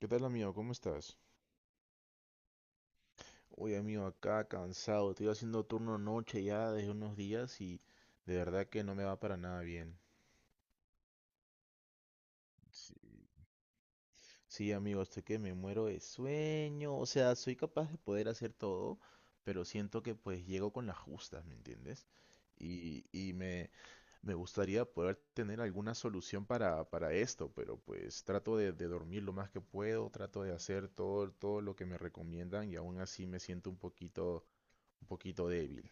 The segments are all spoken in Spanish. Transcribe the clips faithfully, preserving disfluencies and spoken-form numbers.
¿Qué tal, amigo? ¿Cómo estás? Oye, amigo, acá cansado. Estoy haciendo turno noche ya desde unos días y de verdad que no me va para nada bien. Sí, sí, amigo, estoy que me muero de sueño. O sea, soy capaz de poder hacer todo, pero siento que pues llego con las justas, ¿me entiendes? Y, y me, Me gustaría poder tener alguna solución para, para esto, pero pues trato de, de dormir lo más que puedo, trato de hacer todo, todo lo que me recomiendan y aún así me siento un poquito, un poquito débil.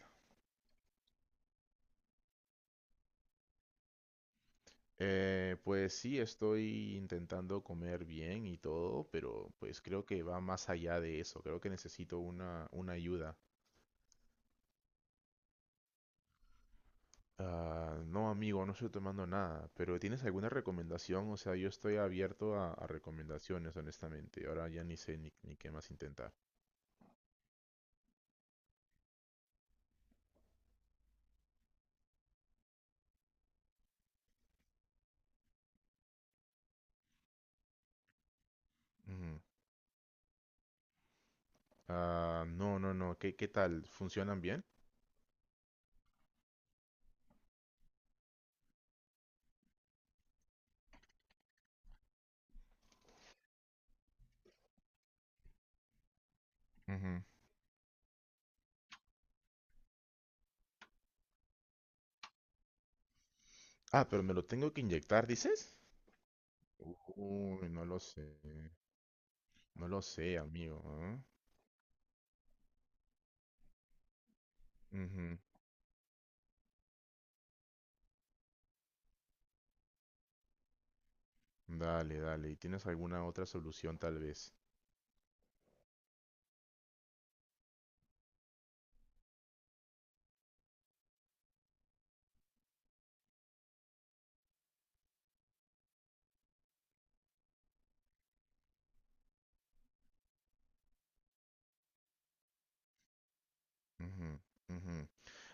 Eh, pues sí, estoy intentando comer bien y todo, pero pues creo que va más allá de eso. Creo que necesito una, una ayuda. Ah, no, amigo, no estoy tomando nada, pero ¿tienes alguna recomendación? O sea, yo estoy abierto a, a recomendaciones, honestamente. Ahora ya ni sé ni, ni qué más intentar. Ujú. Ah, no, no, no. ¿Qué, qué tal? ¿Funcionan bien? Ujú. Ah, pero me lo tengo que inyectar, ¿dices? Uy, no lo sé. No lo sé, amigo. ¿ah? Ujú. Dale, dale. ¿Y tienes alguna otra solución tal vez? Ujú, ujú.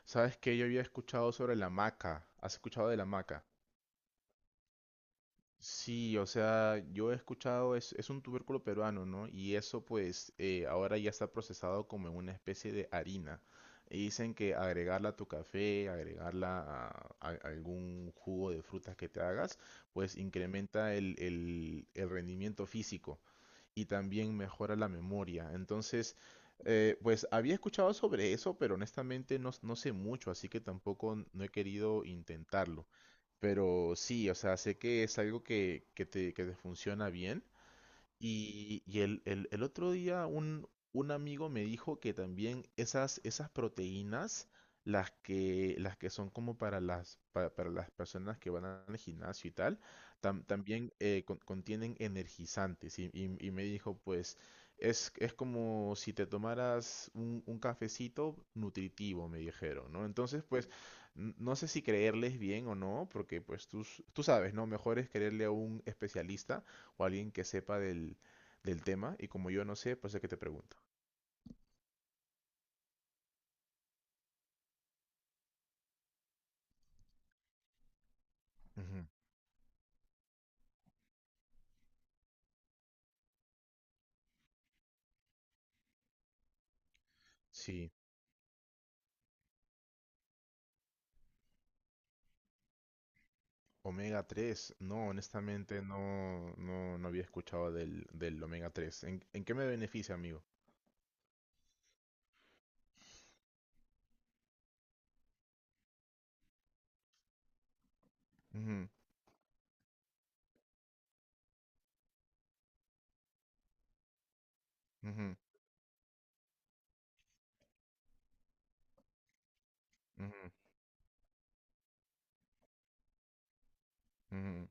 ¿Sabes qué? Yo había escuchado sobre la maca. ¿Has escuchado de la maca? Sí, o sea, yo he escuchado, es, es un tubérculo peruano, ¿no? Y eso pues eh, ahora ya está procesado como en una especie de harina. Y dicen que agregarla a tu café, agregarla a, a- a algún jugo de frutas que te hagas, pues incrementa el, el el rendimiento físico. Y también mejora la memoria. Entonces, eh, pues había escuchado sobre eso, pero honestamente no, no sé mucho, así que tampoco no he querido intentarlo. Pero sí, o sea, sé que es algo que, que te, que te funciona bien y, y el, el- el otro día un, un amigo me dijo que también esas, esas proteínas, las que, las que son como para las, pa- para, las personas que van al gimnasio y tal, tam- también eh, con- contienen energizantes. Y, y- y me dijo, pues, es, es como si te tomaras un, un cafecito nutritivo, me dijeron, ¿no? Entonces, pues, n- no sé si creerles bien o no, porque pues tú, s- tú sabes, ¿no? Mejor es creerle a un especialista o alguien que sepa del, del tema y como yo no sé, pues es que te pregunto. Ujú. Sí, omega tres. No, honestamente no, no, no había escuchado del, del omega tres. ¿En, En qué me beneficia, amigo? Ujú, ujú, ujú, ujú.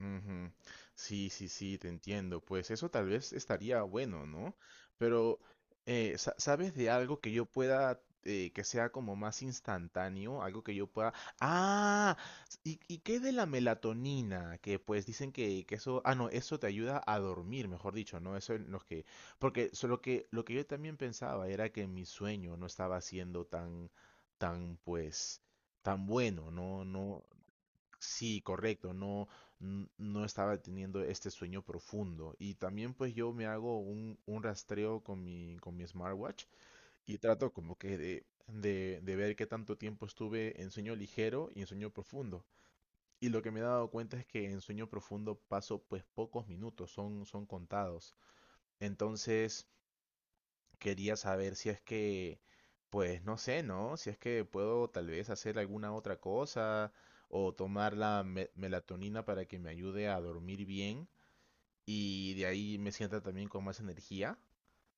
Ujú. Sí, sí, sí, te entiendo. Pues eso tal vez estaría bueno, ¿no? Pero, eh, sa- ¿sabes de algo que yo pueda, eh, que sea como más instantáneo? Algo que yo pueda... Ah, ¿y, y qué de la melatonina? Que pues dicen que, que eso... Ah, no, eso te ayuda a dormir, mejor dicho, ¿no? Eso es lo que... Porque solo que lo que yo también pensaba era que mi sueño no estaba siendo tan, tan, pues, tan bueno, ¿no? No, sí, correcto, no, n- no estaba teniendo este sueño profundo. Y también pues yo me hago un, un rastreo con mi, con mi smartwatch y trato como que de, de, de ver qué tanto tiempo estuve en sueño ligero y en sueño profundo. Y lo que me he dado cuenta es que en sueño profundo paso pues pocos minutos, son, son contados. Entonces, quería saber si es que, pues no sé, ¿no? Si es que puedo tal vez hacer alguna otra cosa o tomar la me- melatonina para que me ayude a dormir bien y de ahí me sienta también con más energía.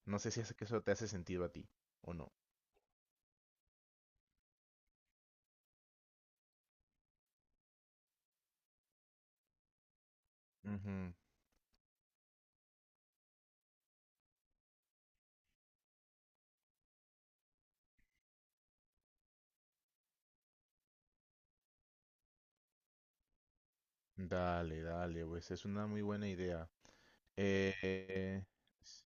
No sé si es que eso te hace sentido a ti o no. Ujú. Dale, dale, pues es una muy buena idea. Eh, s-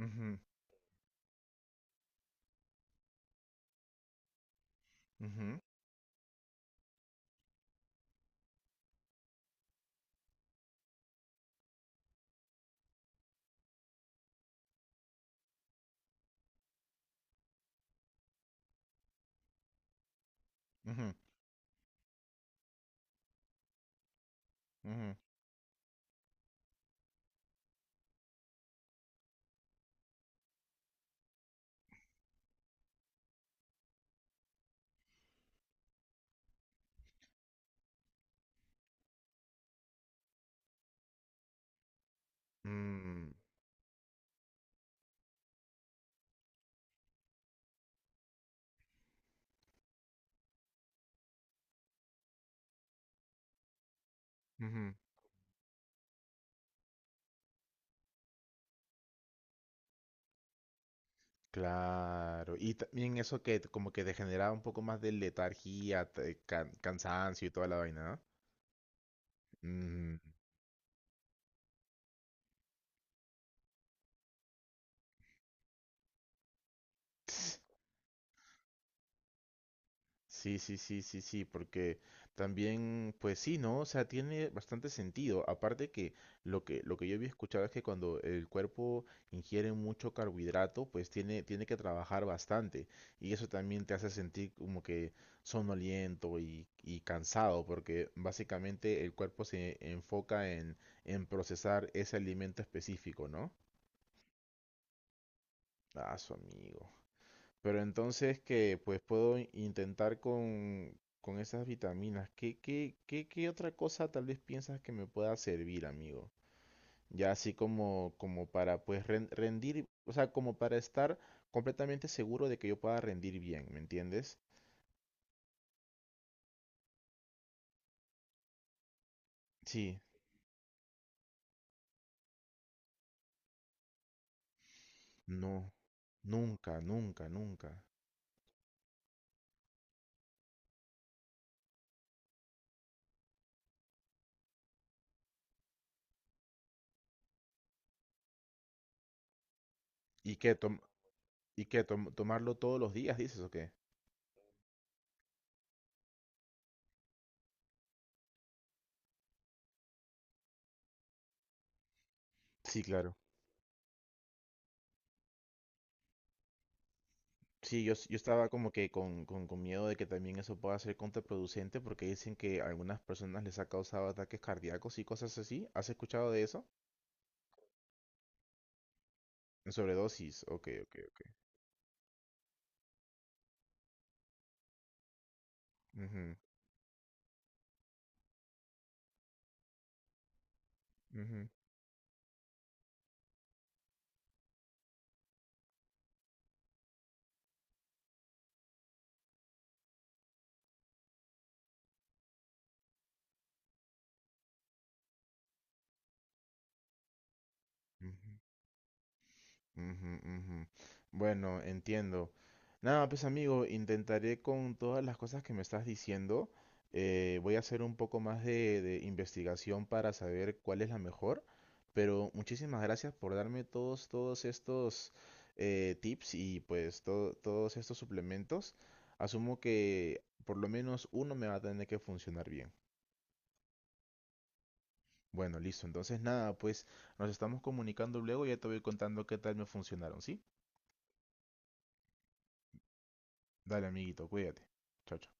Ujú, ujú, ujú, ujú, mm, ujú. Claro, y también eso que como que te generaba un poco más de letargía, te- can- cansancio y toda la vaina, ¿no? Mm. Sí, sí, sí, sí, sí, porque también, pues sí, ¿no? O sea, tiene bastante sentido. Aparte que lo que, lo que yo había escuchado es que cuando el cuerpo ingiere mucho carbohidrato, pues tiene, tiene que trabajar bastante. Y eso también te hace sentir como que somnoliento y, y cansado, porque básicamente el cuerpo se enfoca en, en procesar ese alimento específico, ¿no? Ah, su amigo. Pero entonces que pues puedo intentar con, con esas vitaminas. ¿Qué, qué, qué, qué otra cosa tal vez piensas que me pueda servir, amigo? Ya así como, como para pues ren- rendir, o sea, como para estar completamente seguro de que yo pueda rendir bien, ¿me entiendes? Sí, no, nunca, nunca, nunca. ¿Y qué, tom- y qué tom- tomarlo todos los días, dices o qué? Sí, claro. Sí, yo, s- yo estaba como que con, con- con miedo de que también eso pueda ser contraproducente porque dicen que a algunas personas les ha causado ataques cardíacos y cosas así. ¿Has escuchado de eso? En sobredosis. Ok, ok, ok. Ujú, ujú, ujú. Ujú, ujú. Bueno, entiendo. Nada, pues amigo, intentaré con todas las cosas que me estás diciendo. Eh, voy a hacer un poco más de, de investigación para saber cuál es la mejor. Pero muchísimas gracias por darme todos, todos estos eh, tips y pues to- todos estos suplementos. Asumo que por lo menos uno me va a tener que funcionar bien. Bueno, listo. Entonces nada, pues nos estamos comunicando luego y ya te voy contando qué tal me funcionaron, ¿sí? Dale, amiguito, cuídate. Chao, chao.